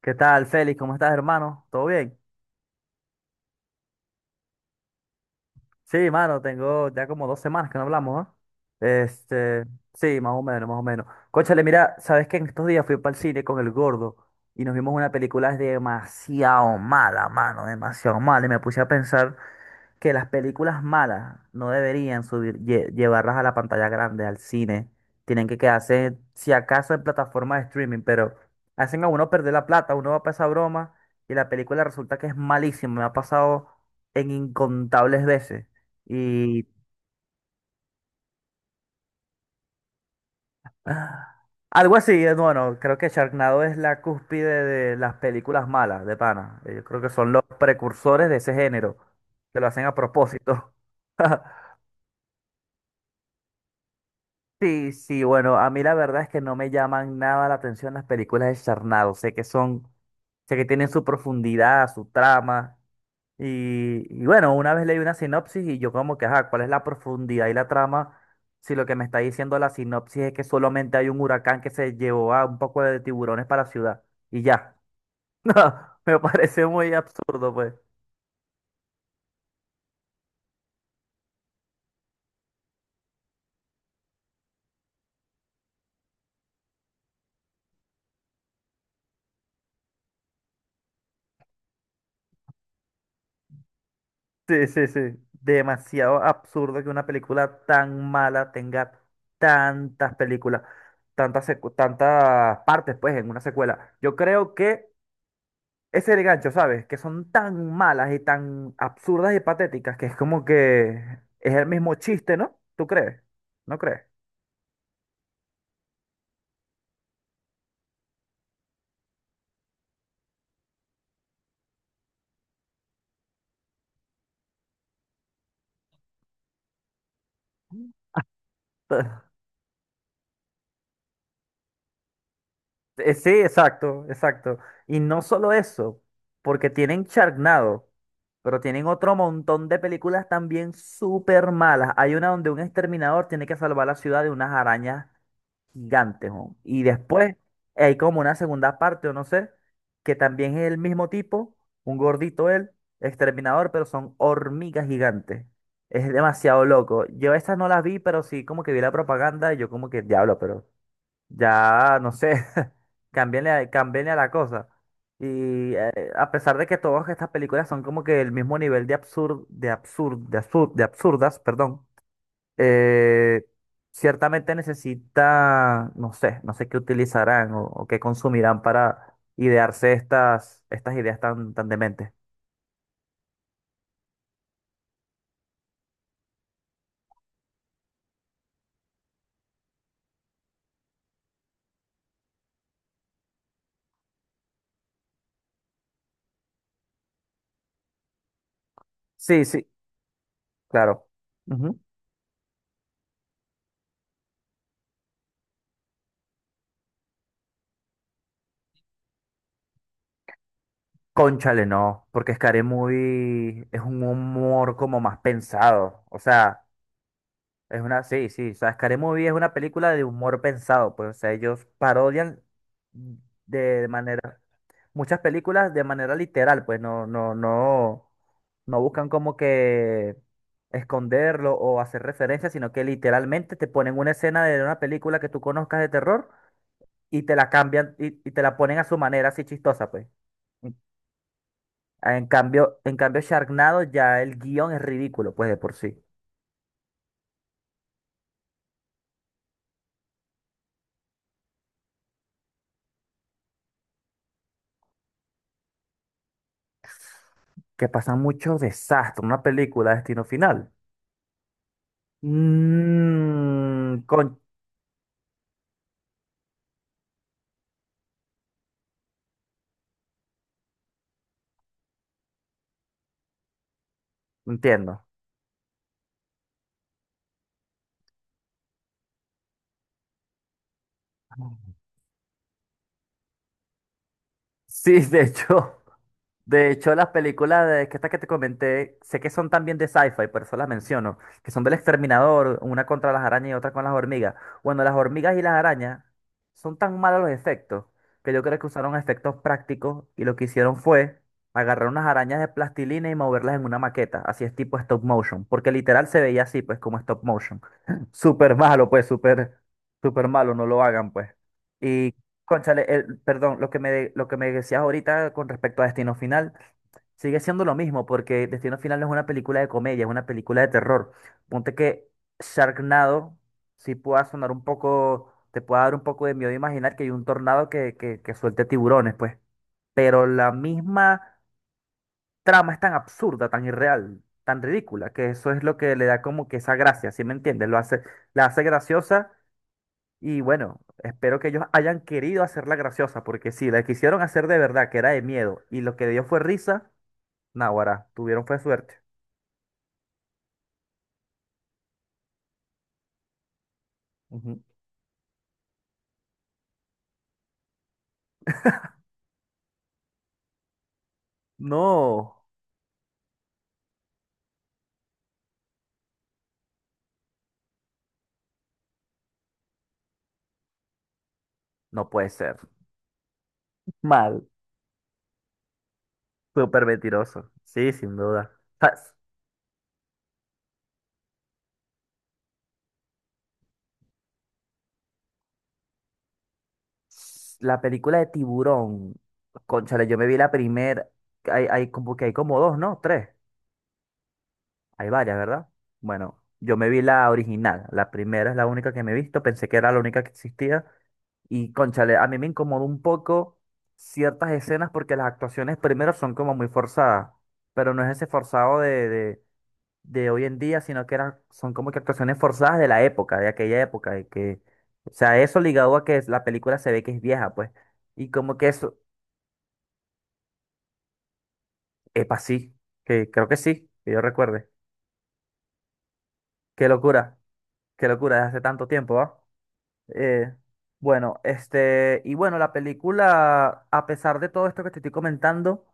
¿Qué tal, Félix? ¿Cómo estás, hermano? ¿Todo bien? Sí, mano, tengo ya como dos semanas que no hablamos, ¿no? Este, sí, más o menos, más o menos. Cónchale, mira, sabes que en estos días fui para el cine con el gordo y nos vimos una película demasiado mala, mano, demasiado mala. Y me puse a pensar que las películas malas no deberían subir, llevarlas a la pantalla grande, al cine. Tienen que quedarse, si acaso, en plataformas de streaming, pero hacen a uno perder la plata, uno va para esa broma y la película resulta que es malísima. Me ha pasado en incontables veces. Y ah, algo así, bueno, creo que Sharknado es la cúspide de las películas malas, de pana. Yo creo que son los precursores de ese género, que lo hacen a propósito. Sí, sí, bueno, a mí la verdad es que no me llaman nada la atención las películas de Charnado. Sé que son, sé que tienen su profundidad, su trama. Y bueno, una vez leí una sinopsis y yo como que, ajá, ¿cuál es la profundidad y la trama? Si lo que me está diciendo la sinopsis es que solamente hay un huracán que se llevó a un poco de tiburones para la ciudad. Y ya. No, me parece muy absurdo, pues. Sí, sí, sí. Demasiado absurdo que una película tan mala tenga tantas películas, tantas, tantas partes, pues, en una secuela. Yo creo que ese es el gancho, ¿sabes? Que son tan malas y tan absurdas y patéticas que es como que es el mismo chiste, ¿no? ¿Tú crees? ¿No crees? Sí, exacto, exacto. Y no solo eso, porque tienen Sharknado, pero tienen otro montón de películas también súper malas. Hay una donde un exterminador tiene que salvar la ciudad de unas arañas gigantes, ¿no? Y después hay como una segunda parte, o no sé, que también es el mismo tipo, un gordito él, exterminador, pero son hormigas gigantes. Es demasiado loco. Yo estas no las vi, pero sí como que vi la propaganda y yo como que diablo, pero ya, no sé, cámbienle, cámbienle a la cosa. Y a pesar de que todas estas películas son como que el mismo nivel de absurdo, de absurdo, de absurdas, perdón, eh, ciertamente necesita, no sé, no sé qué utilizarán o qué consumirán para idearse estas, estas ideas tan, tan dementes. Sí, sí, claro. Ujú. Cónchale, no, porque Scary Movie es un humor como más pensado, o sea. Es una, sí, sí, o sea, Scary Movie es una película de humor pensado, pues, o sea, ellos parodian de manera, muchas películas de manera literal, pues, no, no, no, no buscan como que esconderlo o hacer referencia, sino que literalmente te ponen una escena de una película que tú conozcas de terror y te la cambian y te la ponen a su manera así chistosa, pues. En en cambio, Sharknado ya el guión es ridículo, pues, de por sí. Que pasan muchos desastres, una película de destino final. Mm, entiendo. Sí, de hecho, de hecho, las películas de que estas que te comenté, sé que son también de sci-fi, por eso las menciono, que son del Exterminador, una contra las arañas y otra con las hormigas. Bueno, las hormigas y las arañas son tan malos los efectos que yo creo que usaron efectos prácticos y lo que hicieron fue agarrar unas arañas de plastilina y moverlas en una maqueta, así es tipo stop motion, porque literal se veía así, pues como stop motion. Súper malo, pues, súper, súper malo, no lo hagan, pues. Cónchale, perdón, lo que me, lo que me decías ahorita con respecto a Destino Final sigue siendo lo mismo, porque Destino Final no es una película de comedia, es una película de terror. Ponte que Sharknado sí pueda sonar un poco, te pueda dar un poco de miedo imaginar que hay un tornado que suelte tiburones, pues. Pero la misma trama es tan absurda, tan irreal, tan ridícula, que eso es lo que le da como que esa gracia, ¿sí me entiendes? Lo hace, la hace graciosa y bueno, espero que ellos hayan querido hacerla graciosa, porque si la quisieron hacer de verdad, que era de miedo, y lo que dio fue risa, naguará, tuvieron fue suerte. Ujú. No, no puede ser. Mal. Súper mentiroso. Sí, sin duda. O sea, la película de Tiburón, cónchale, yo me vi la primera, hay como que hay como dos, ¿no? Tres. Hay varias, ¿verdad? Bueno, yo me vi la original, la primera es la única que me he visto, pensé que era la única que existía. Y cónchale, a mí me incomodó un poco ciertas escenas porque las actuaciones primero son como muy forzadas, pero no es ese forzado de hoy en día, sino que eran, son como que actuaciones forzadas de la época, de aquella época, de que, o sea, eso ligado a que la película se ve que es vieja, pues, y como que eso, epa, sí, que creo que sí, que yo recuerde. Qué locura, qué locura, desde hace tanto tiempo, ¿va? Eh, bueno, y bueno, la película, a pesar de todo esto que te estoy comentando,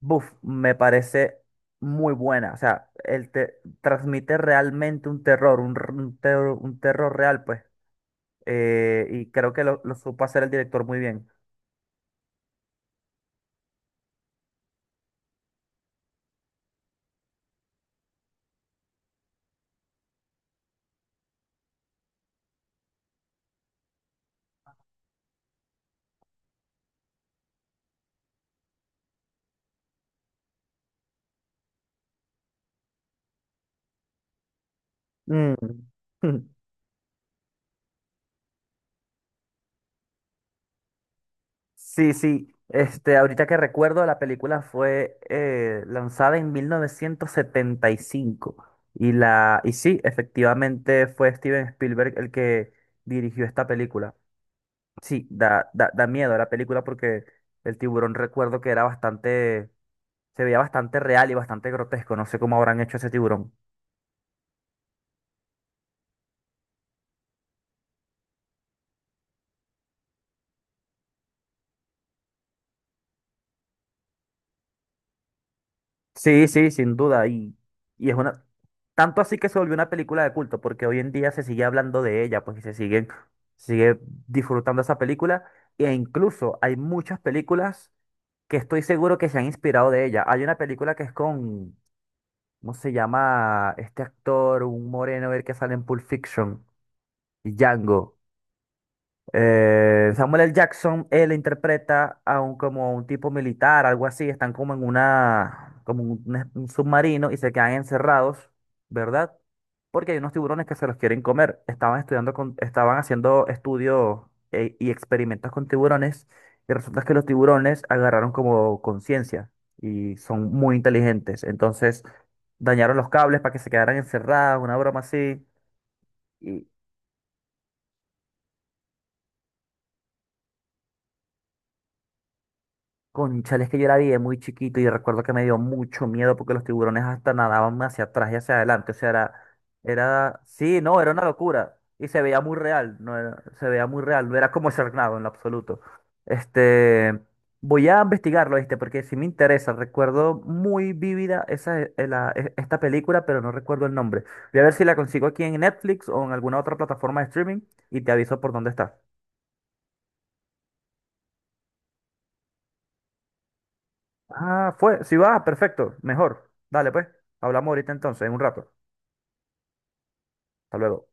buf, me parece muy buena. O sea, él te transmite realmente un terror, un, un terror real, pues. Y creo que lo supo hacer el director muy bien. Mm. Sí, sí. Este, ahorita que recuerdo, la película fue lanzada en 1975. Y sí, efectivamente fue Steven Spielberg el que dirigió esta película. Sí, da, da, da miedo la película porque el tiburón recuerdo que era bastante. Se veía bastante real y bastante grotesco. No sé cómo habrán hecho ese tiburón. Sí, sí, sin duda. Y es una. Tanto así que se volvió una película de culto, porque hoy en día se sigue hablando de ella, pues y se siguen, sigue disfrutando esa película. E incluso hay muchas películas que estoy seguro que se han inspirado de ella. Hay una película que es con, ¿cómo se llama? Este actor, un moreno, el que sale en Pulp Fiction, Django. Samuel L. Jackson, él interpreta a un, como un tipo militar, algo así, están como en una, como un, un submarino y se quedan encerrados, ¿verdad? Porque hay unos tiburones que se los quieren comer. Estaban estudiando con, estaban haciendo estudios y experimentos con tiburones y resulta que los tiburones agarraron como conciencia y son muy inteligentes. Entonces dañaron los cables para que se quedaran encerrados, una broma así. Cónchale, es que yo la vi de muy chiquito y recuerdo que me dio mucho miedo porque los tiburones hasta nadaban hacia atrás y hacia adelante. O sea, era, era, sí, no, era una locura. Y se veía muy real, no era- se veía muy real, no era como Sharknado en lo absoluto. Este, voy a investigarlo, ¿viste? Porque sí me interesa. Recuerdo muy vívida esa, esta película, pero no recuerdo el nombre. Voy a ver si la consigo aquí en Netflix o en alguna otra plataforma de streaming y te aviso por dónde está. Ah, fue. Si va, perfecto. Mejor. Dale, pues. Hablamos ahorita entonces, en un rato. Hasta luego.